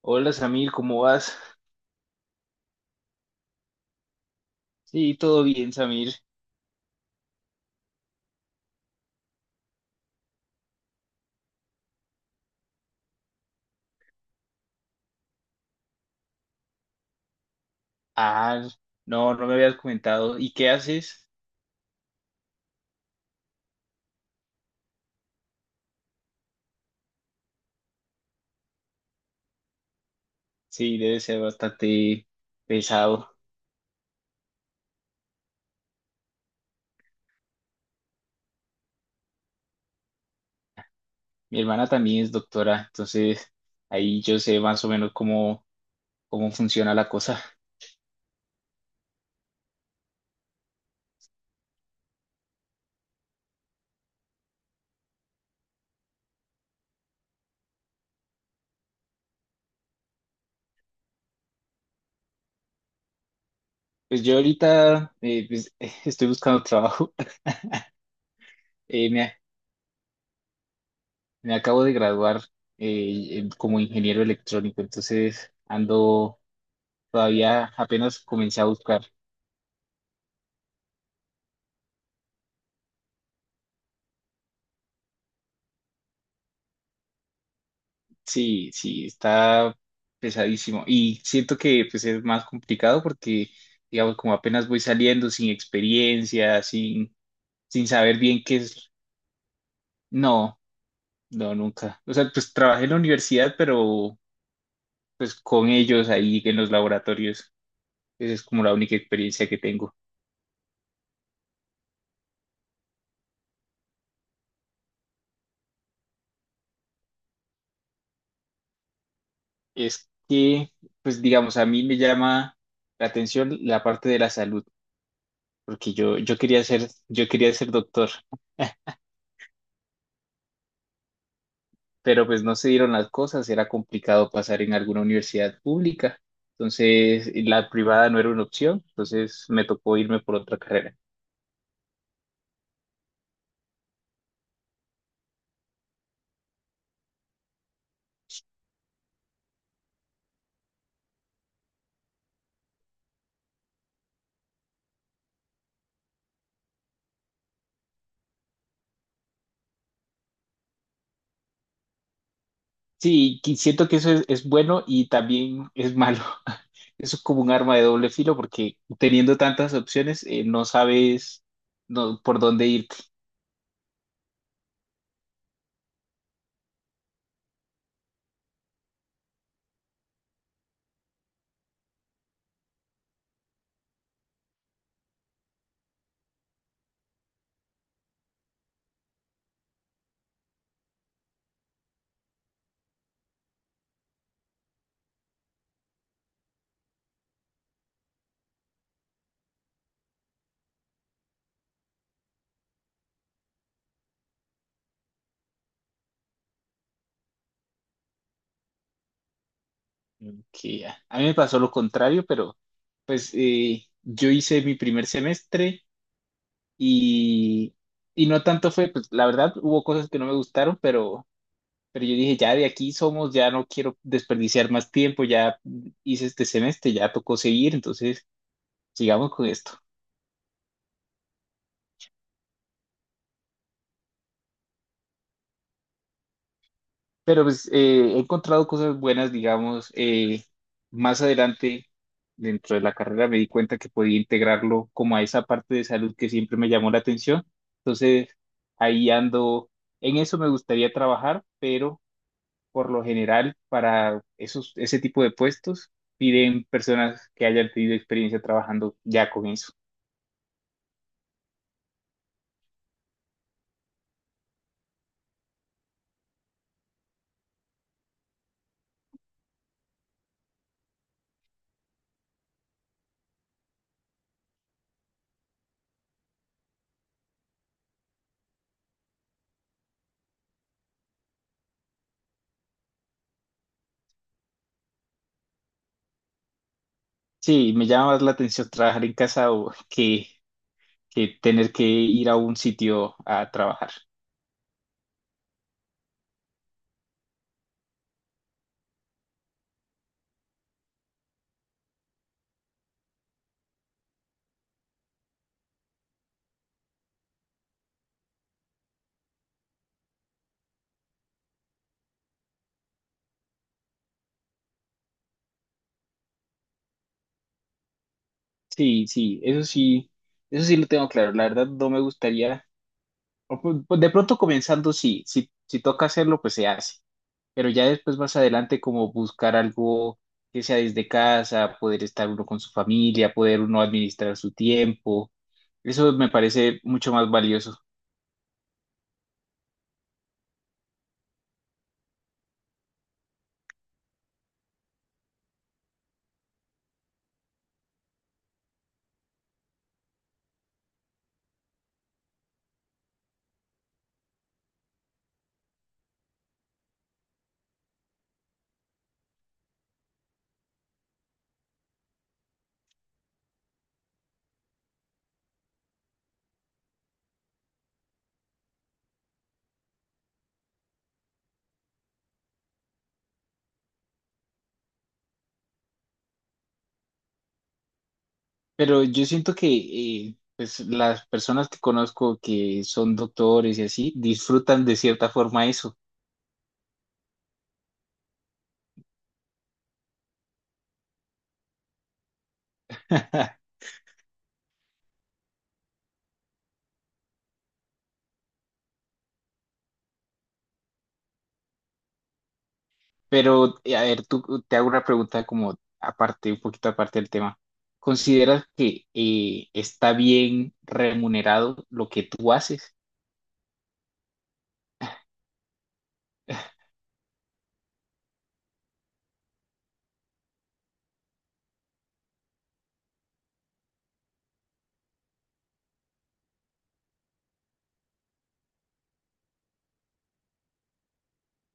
Hola Samir, ¿cómo vas? Sí, todo bien, Samir. Ah, no, no me habías comentado. ¿Y qué haces? Sí, debe ser bastante pesado. Mi hermana también es doctora, entonces ahí yo sé más o menos cómo, cómo funciona la cosa. Pues yo ahorita estoy buscando trabajo. Eh, me, me acabo de graduar en- como ingeniero electrónico, entonces ando todavía apenas comencé a buscar. Sí, sí, está pesadísimo. Y siento que pues es más complicado porque, digamos, como apenas voy saliendo sin experiencia, sin saber bien qué es. No, no, nunca. O sea, pues trabajé en la universidad, pero pues con ellos ahí en los laboratorios. Esa es como la única experiencia que tengo. Es que, pues digamos, a mí me llama la atención la parte de la salud, porque yo quería ser doctor. Pero pues no se dieron las cosas, era complicado pasar en alguna universidad pública, entonces la privada no era una opción, entonces me tocó irme por otra carrera. Sí, qui- siento que eso es bueno y también es malo. Eso es como un arma de doble filo porque teniendo tantas opciones no sabes no- por dónde irte. Que ya. A mí me pasó lo contrario, pero pues yo hice mi primer semestre y, y no tanto fue, pues la verdad hubo cosas que no me gustaron, pero yo dije, ya de aquí somos, ya no quiero desperdiciar más tiempo, ya hice este semestre, ya tocó seguir, entonces sigamos con esto. Pero pues he encontrado cosas buenas, digamos, más adelante dentro de la carrera me di cuenta que podía integrarlo como a esa parte de salud que siempre me llamó la atención. Entonces ahí ando, en eso me gustaría trabajar, pero por lo general para esos, ese tipo de puestos piden personas que hayan tenido experiencia trabajando ya con eso. Sí, me llama más la atención trabajar en casa o que tener que ir a un sitio a trabajar. Sí, sí, eso sí, eso sí lo tengo claro. La verdad no me gustaría, o pu- pues de pronto comenzando sí, si, toca hacerlo, pues se hace. Pero ya después más adelante como buscar algo que sea desde casa, poder estar uno con su familia, poder uno administrar su tiempo. Eso me parece mucho más valioso. Pero yo siento que pues, las personas que conozco que son doctores y así disfrutan de cierta forma eso. Pero, a ver, tú te hago una pregunta como aparte, un poquito aparte del tema. ¿Consideras que está bien remunerado lo que tú haces?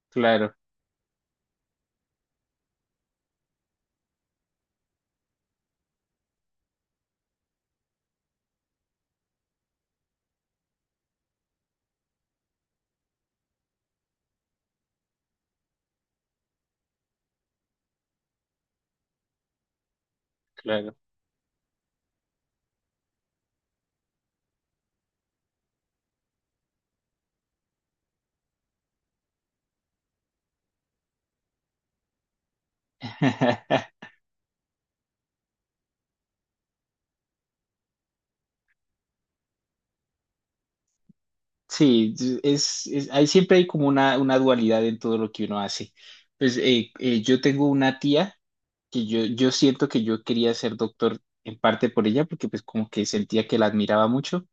Claro, claro. Sí, es- hay, siempre hay como una dualidad en todo lo que uno hace. Pues yo tengo una tía. Que yo siento que yo quería ser doctor en parte por ella, porque pues como que sentía que la admiraba mucho,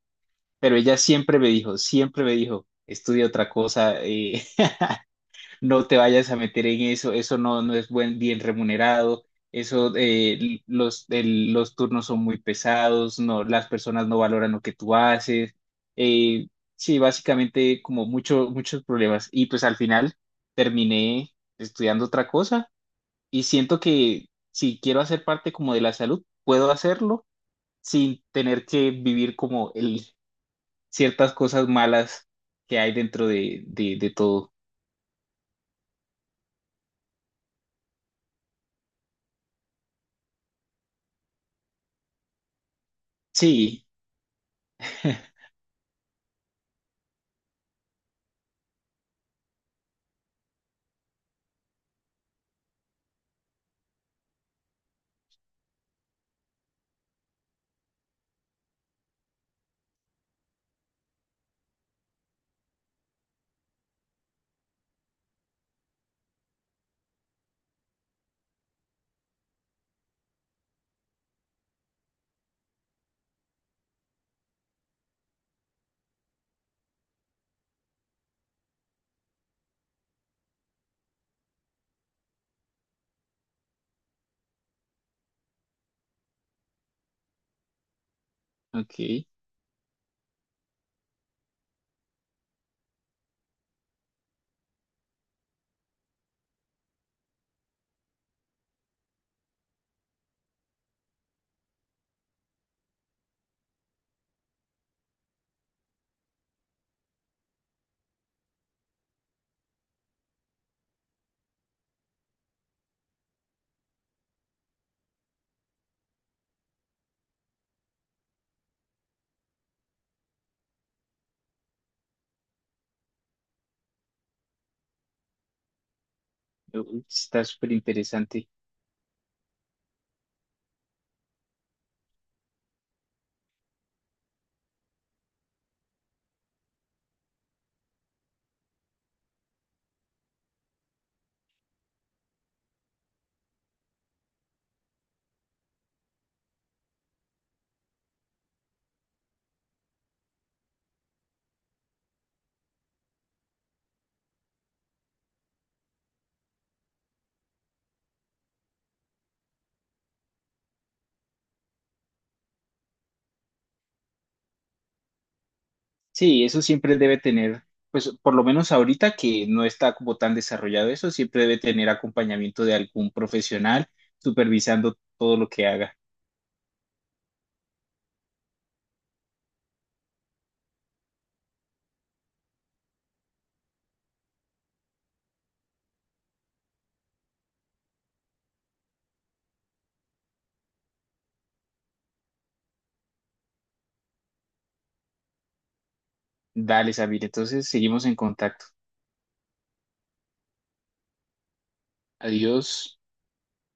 pero ella siempre me dijo, estudia otra cosa, no te vayas a meter en eso, eso no, no es buen, bien remunerado, eso, los, el- los turnos son muy pesados, no, las personas no valoran lo que tú haces, eh, sí, básicamente como mucho, muchos problemas, y pues al final terminé estudiando otra cosa y siento que si quiero hacer parte como de la salud, puedo hacerlo sin tener que vivir como el, ciertas cosas malas que hay dentro de todo. Sí, ok. Uy, está súper interesante. Sí, eso siempre debe tener, pues por lo menos ahorita que no está como tan desarrollado eso, siempre debe tener acompañamiento de algún profesional supervisando todo lo que haga. Dale, Sabine, entonces seguimos en contacto. Adiós.